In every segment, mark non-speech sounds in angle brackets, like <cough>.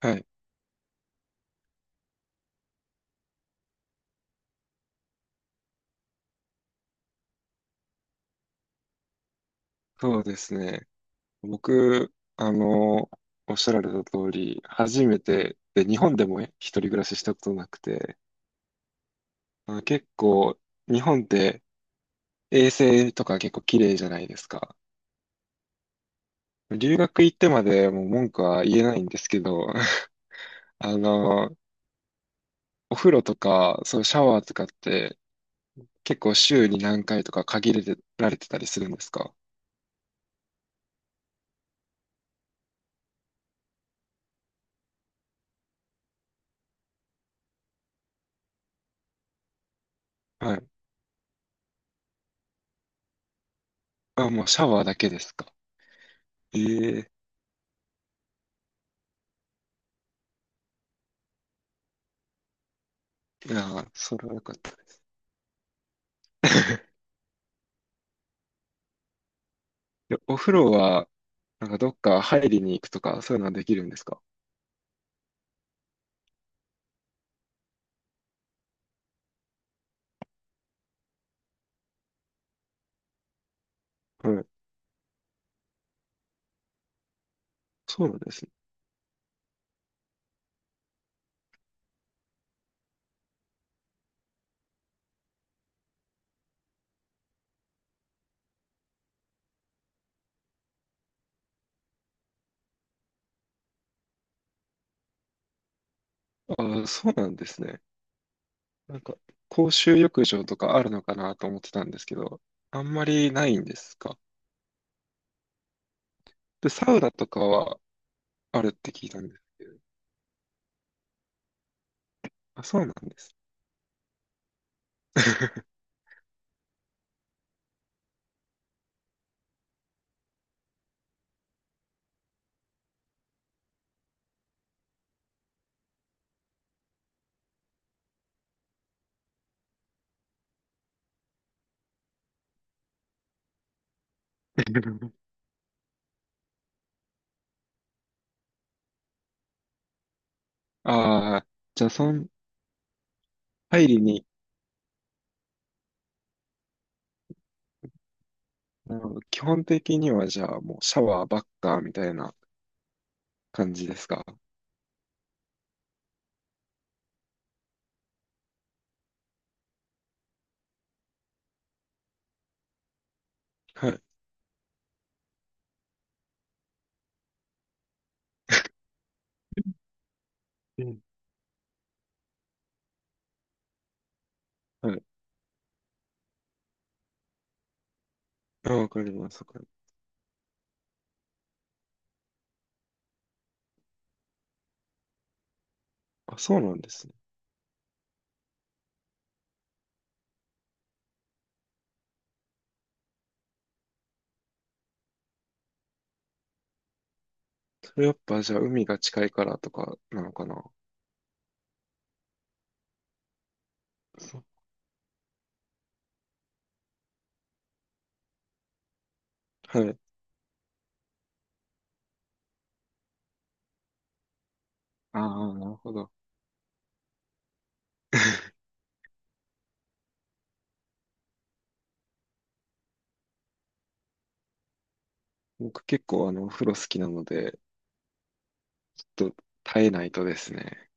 はい、そうですね。僕、あの、おっしゃられた通り、初めて、で、日本でもね一人暮らししたことなくて、まあ、結構、日本って衛生とか結構綺麗じゃないですか。留学行ってまでもう文句は言えないんですけど、<laughs> あの、お風呂とか、そう、シャワーとかって結構週に何回とか限られてたりするんですか？はい。あ、もうシャワーだけですか。ええ。いやー、それはよかった。<laughs> でお風呂は、なんかどっか入りに行くとか、そういうのはできるんですか？はい。そうなんですね。ああ、そうなんですね。なんか、公衆浴場とかあるのかなと思ってたんですけど、あんまりないんですか？で、サウナとかはあるって聞いたんです。あ、そうなんです。<laughs> ああ、じゃあ、その、入りに、もう基本的にはじゃあもうシャワーばっかみたいな感じですか？はい。はい。あ、わかります。わかります。あ、そうなんですね。それやっぱじゃあ海が近いからとかなのかな。そう。はい。ああ、なるほど。<laughs> 僕結構お風呂好きなので、と、耐えないとですね。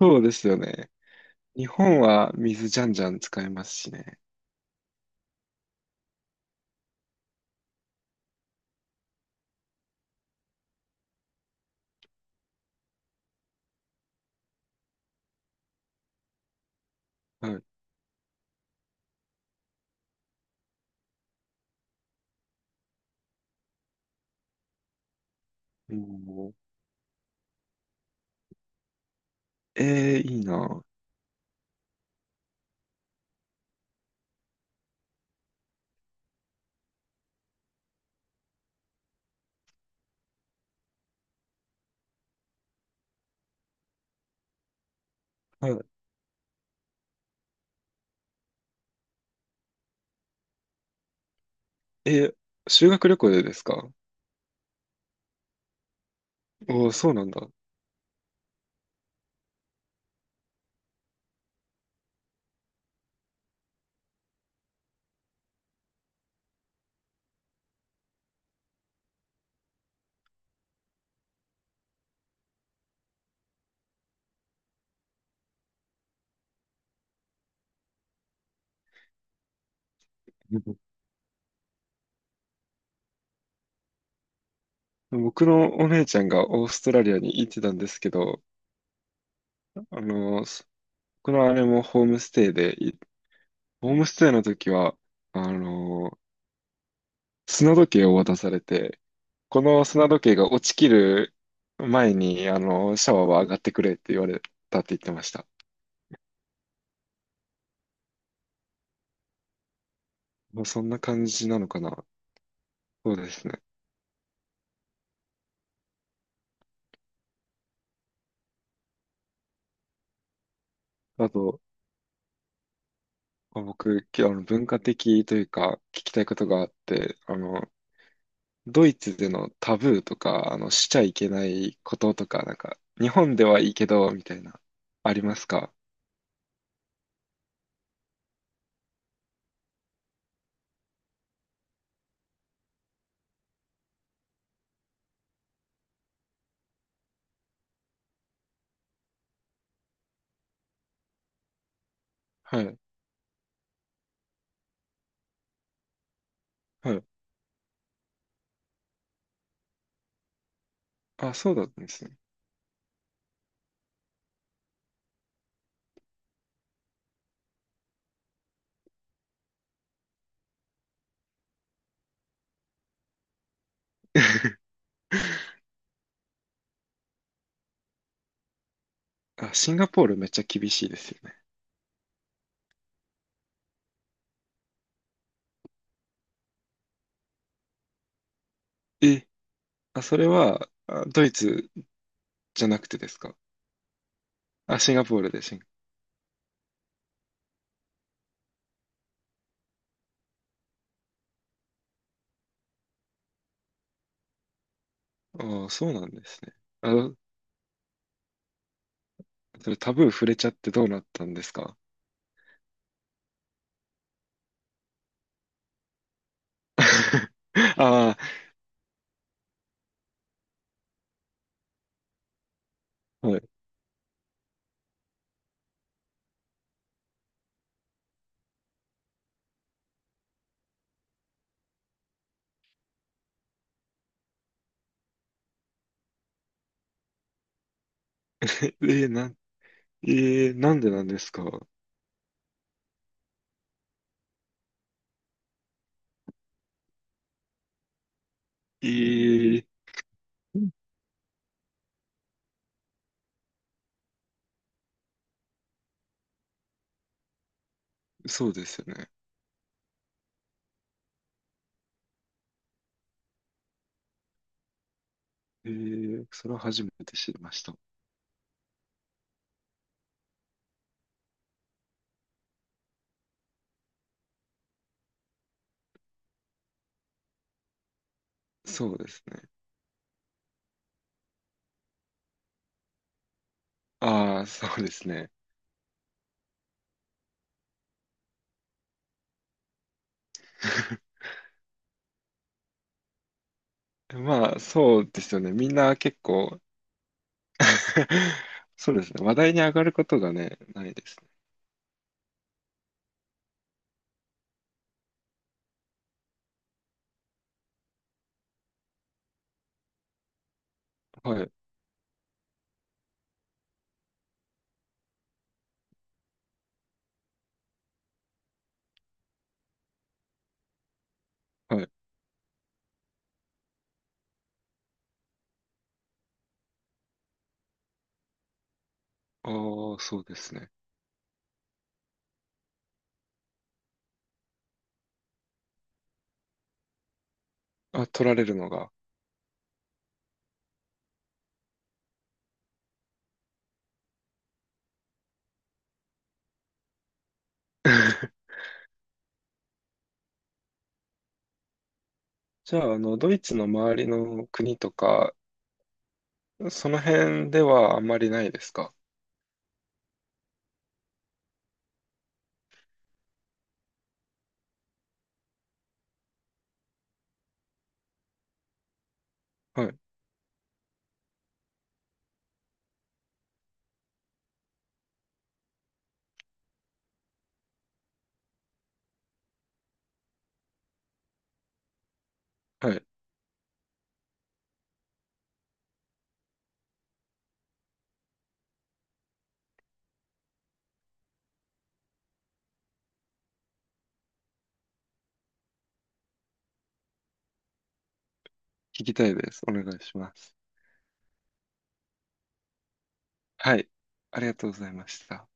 そうですよね。日本は水じゃんじゃん使えますしね。はい。おー。えー、いいな。はい。えー、修学旅行でですか？おおー、そうなんだ。うん。僕のお姉ちゃんがオーストラリアに行ってたんですけど、あの、僕のあれもホームステイで、いホームステイの時は、あの、砂時計を渡されて、この砂時計が落ちきる前に、シャワーは上がってくれって言われたって言ってました。もうそんな感じなのかな。そうですね。あと、まあ僕、きあの、文化的というか、聞きたいことがあって、あの、ドイツでのタブーとか、しちゃいけないこととか、なんか、日本ではいいけど、みたいな、ありますか？はい。はい。あ、そうだったんですね。あ、シンガポールめっちゃ厳しいですよね。え、あ、それは、あドイツじゃなくてですか？あ、シンガポールでシン、ああ、そうなんですね。あ、それタブー触れちゃってどうなったんですか？ <laughs> ああ、はい。えー、なん、えーなんでなんですか？えー。そうですよね。えーそれは初めて知りました。そうですね。ああ、そうですね。<laughs> まあ、そうですよね。みんな結構、<laughs> そうですね。話題に上がることがね、ないですね。はい。はい。ああ、そうですね。あ、取られるのが。<laughs> じゃあ、あの、ドイツの周りの国とか、その辺ではあんまりないですか？はい。はい。聞きたいです。お願いします。はい。ありがとうございました。